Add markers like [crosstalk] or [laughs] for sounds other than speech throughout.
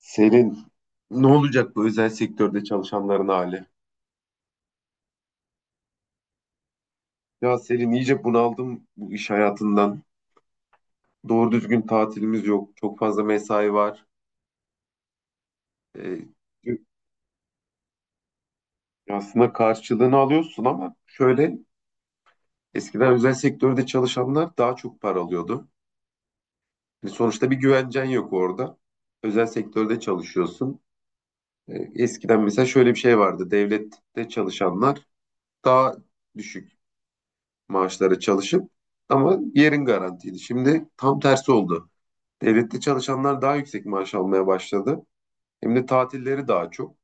Senin ne olacak bu özel sektörde çalışanların hali? Ya Selin, iyice bunaldım bu iş hayatından. Doğru düzgün tatilimiz yok. Çok fazla mesai var. Ee, aslında karşılığını alıyorsun, ama şöyle, eskiden özel sektörde çalışanlar daha çok para alıyordu. Yani sonuçta bir güvencen yok orada. Özel sektörde çalışıyorsun. Eskiden mesela şöyle bir şey vardı. Devlette çalışanlar daha düşük maaşlara çalışıp ama yerin garantiydi. Şimdi tam tersi oldu. Devlette çalışanlar daha yüksek maaş almaya başladı. Hem de tatilleri daha çok.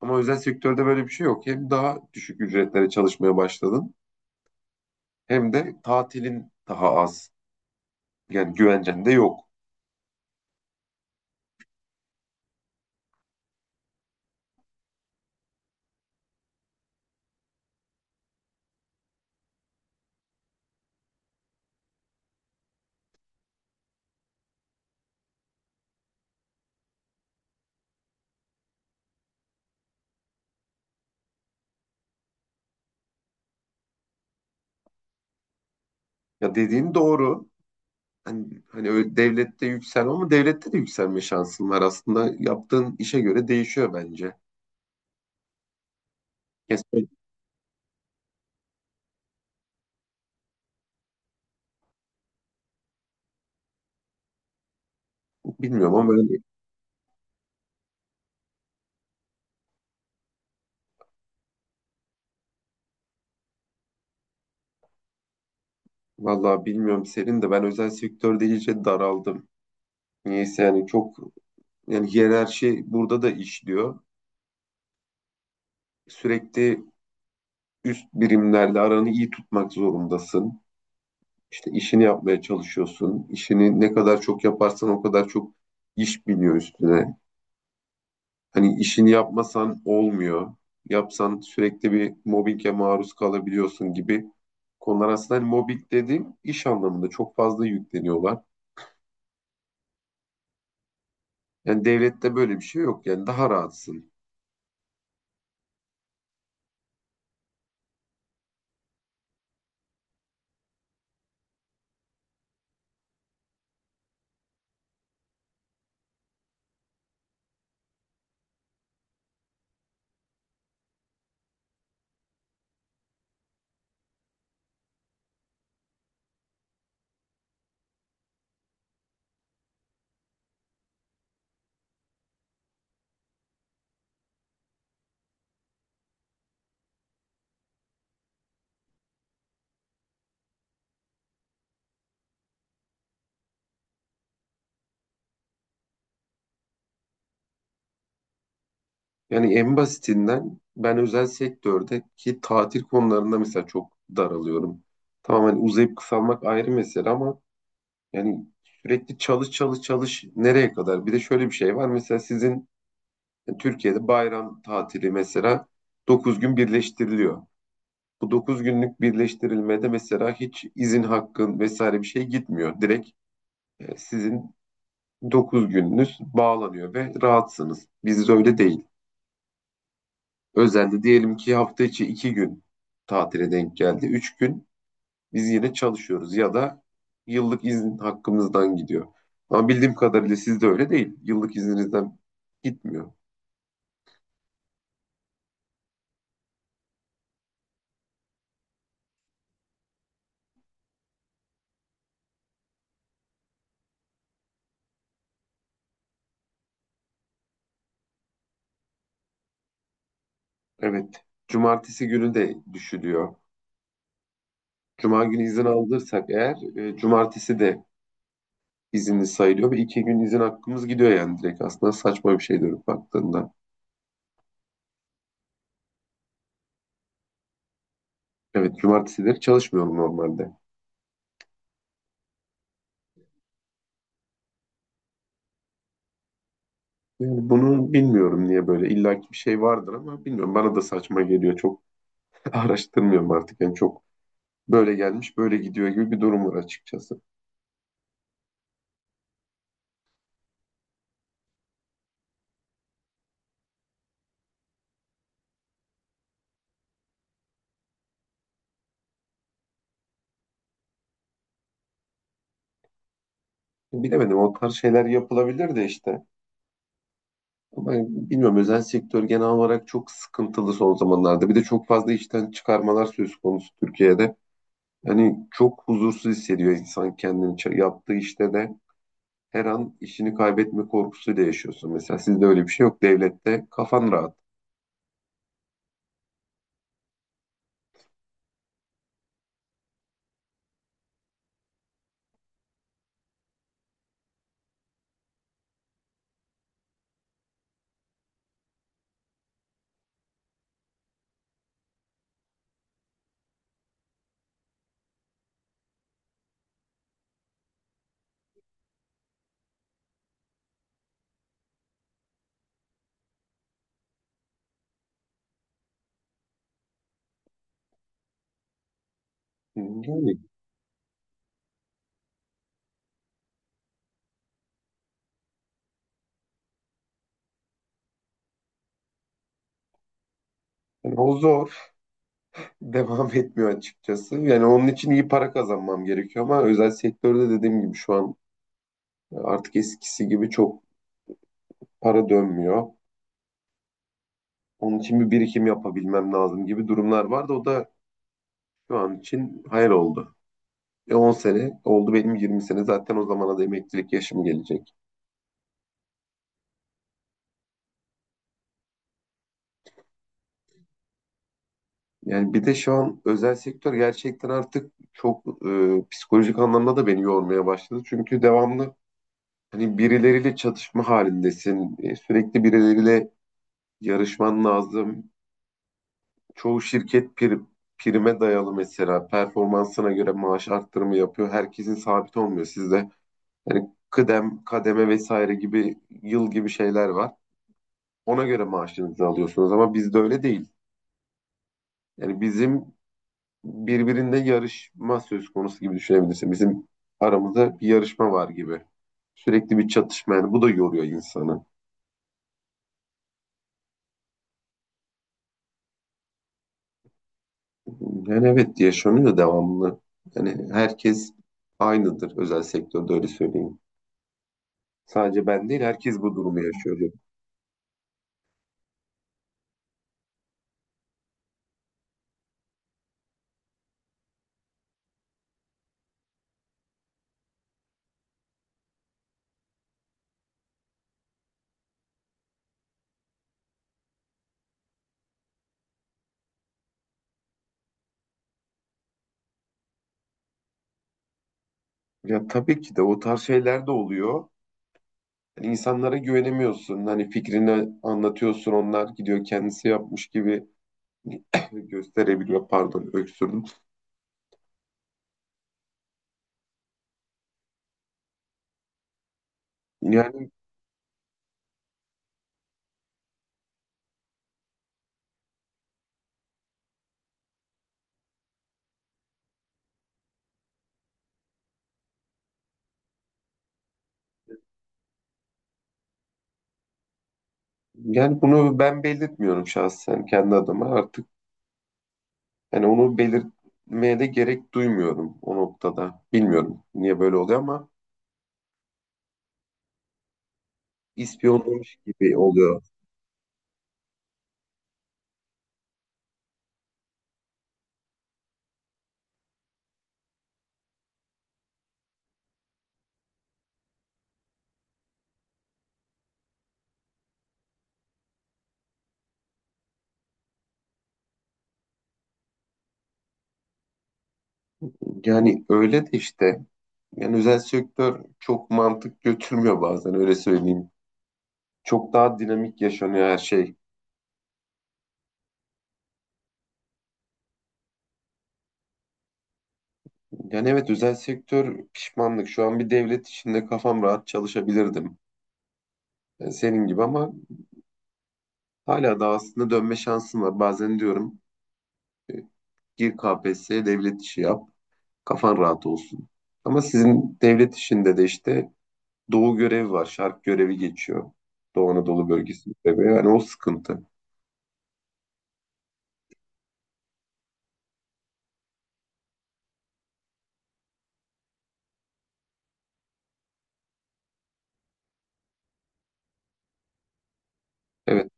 Ama özel sektörde böyle bir şey yok. Hem daha düşük ücretlere çalışmaya başladın, hem de tatilin daha az. Yani güvencen de yok. Ya, dediğin doğru. Hani öyle devlette yükselme, ama devlette de yükselme şansın var. Aslında yaptığın işe göre değişiyor bence. Kesin bilmiyorum ama ben, vallahi bilmiyorum Serin, de ben özel sektörde iyice daraldım. Niyeyse, yani çok, yani hiyerarşi burada da işliyor, sürekli üst birimlerle aranı iyi tutmak zorundasın. İşte işini yapmaya çalışıyorsun. İşini ne kadar çok yaparsan o kadar çok iş biniyor üstüne. Hani işini yapmasan olmuyor. Yapsan sürekli bir mobbinge maruz kalabiliyorsun gibi konular, aslında hani mobbing dediğim iş anlamında çok fazla yükleniyorlar. Yani devlette böyle bir şey yok. Yani daha rahatsın. Yani en basitinden ben özel sektördeki tatil konularında mesela çok daralıyorum. Tamam, hani uzayıp kısalmak ayrı mesele ama yani, sürekli çalış çalış çalış, nereye kadar? Bir de şöyle bir şey var. Mesela sizin Türkiye'de bayram tatili mesela 9 gün birleştiriliyor. Bu 9 günlük birleştirilmede mesela hiç izin hakkın vesaire bir şey gitmiyor. Direkt sizin 9 gününüz bağlanıyor ve rahatsınız. Bizde öyle değil. Özelde diyelim ki hafta içi 2 gün tatile denk geldi. 3 gün biz yine çalışıyoruz, ya da yıllık izin hakkımızdan gidiyor. Ama bildiğim kadarıyla sizde öyle değil. Yıllık izninizden gitmiyor. Evet. Cumartesi günü de düşülüyor. Cuma günü izin aldırsak eğer, cumartesi de izinli sayılıyor ve 2 gün izin hakkımız gidiyor, yani direkt aslında saçma bir şey dönüp baktığında. Evet, cumartesileri çalışmıyorum normalde. Yani bunu bilmiyorum niye böyle, illaki bir şey vardır ama bilmiyorum, bana da saçma geliyor çok. [laughs] Araştırmıyorum artık, yani çok. Böyle gelmiş, böyle gidiyor gibi bir durum var açıkçası. Bilemedim, o tarz şeyler yapılabilir de işte. Ama bilmiyorum, özel sektör genel olarak çok sıkıntılı son zamanlarda. Bir de çok fazla işten çıkarmalar söz konusu Türkiye'de. Hani çok huzursuz hissediyor insan kendini. Yaptığı işte de her an işini kaybetme korkusuyla yaşıyorsun. Mesela sizde öyle bir şey yok. Devlette kafan rahat. Yani, yani o zor. [laughs] Devam etmiyor açıkçası. Yani onun için iyi para kazanmam gerekiyor, ama özel sektörde dediğim gibi şu an, artık eskisi gibi çok para dönmüyor. Onun için bir birikim yapabilmem lazım gibi durumlar vardı. O da şu an için hayal oldu. 10 sene oldu benim, 20 sene. Zaten o zamana da emeklilik yaşım gelecek. Yani bir de şu an özel sektör gerçekten artık çok, psikolojik anlamda da beni yormaya başladı. Çünkü devamlı hani birileriyle çatışma halindesin. Sürekli birileriyle yarışman lazım. Çoğu şirket prime dayalı, mesela performansına göre maaş arttırımı yapıyor. Herkesin sabit olmuyor sizde. Yani kıdem, kademe vesaire gibi, yıl gibi şeyler var. Ona göre maaşınızı alıyorsunuz, ama bizde öyle değil. Yani bizim birbirinde yarışma söz konusu gibi düşünebilirsin. Bizim aramızda bir yarışma var gibi. Sürekli bir çatışma, yani bu da yoruyor insanı. Yani evet, yaşanıyor devamlı. Yani herkes aynıdır özel sektörde, öyle söyleyeyim. Sadece ben değil, herkes bu durumu yaşıyor diyor. Ya tabii ki de, o tarz şeyler de oluyor. Yani insanlara güvenemiyorsun. Hani fikrini anlatıyorsun, onlar gidiyor kendisi yapmış gibi [coughs] gösterebiliyor. Pardon, öksürdüm. Yani yani bunu ben belirtmiyorum şahsen kendi adıma artık. Yani onu belirtmeye de gerek duymuyorum o noktada. Bilmiyorum niye böyle oluyor ama ispiyonlamış gibi oluyor. Yani öyle de işte. Yani özel sektör çok mantık götürmüyor bazen, öyle söyleyeyim. Çok daha dinamik yaşanıyor her şey. Yani evet, özel sektör pişmanlık. Şu an bir devlet içinde kafam rahat çalışabilirdim. Senin gibi, ama hala da aslında dönme şansım var. Bazen diyorum, e, gir KPSS'ye, devlet işi yap. Kafan rahat olsun. Ama sizin devlet işinde de işte doğu görevi var. Şark görevi geçiyor. Doğu Anadolu bölgesi görevi. Yani o sıkıntı. Evet.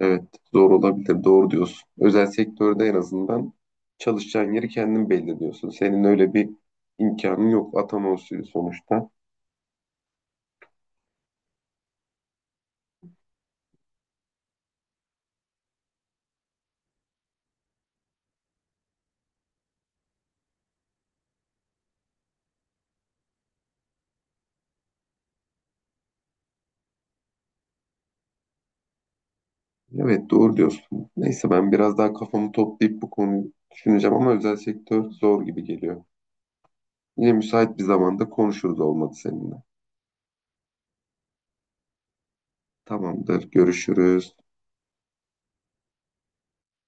Evet, zor olabilir. Doğru diyorsun. Özel sektörde en azından çalışacağın yeri kendin belirliyorsun. Senin öyle bir imkanın yok. Atama usulü sonuçta. Evet, doğru diyorsun. Neyse, ben biraz daha kafamı toplayıp bu konuyu düşüneceğim, ama özel sektör zor gibi geliyor. Yine müsait bir zamanda konuşuruz, olmadı, seninle. Tamamdır, görüşürüz.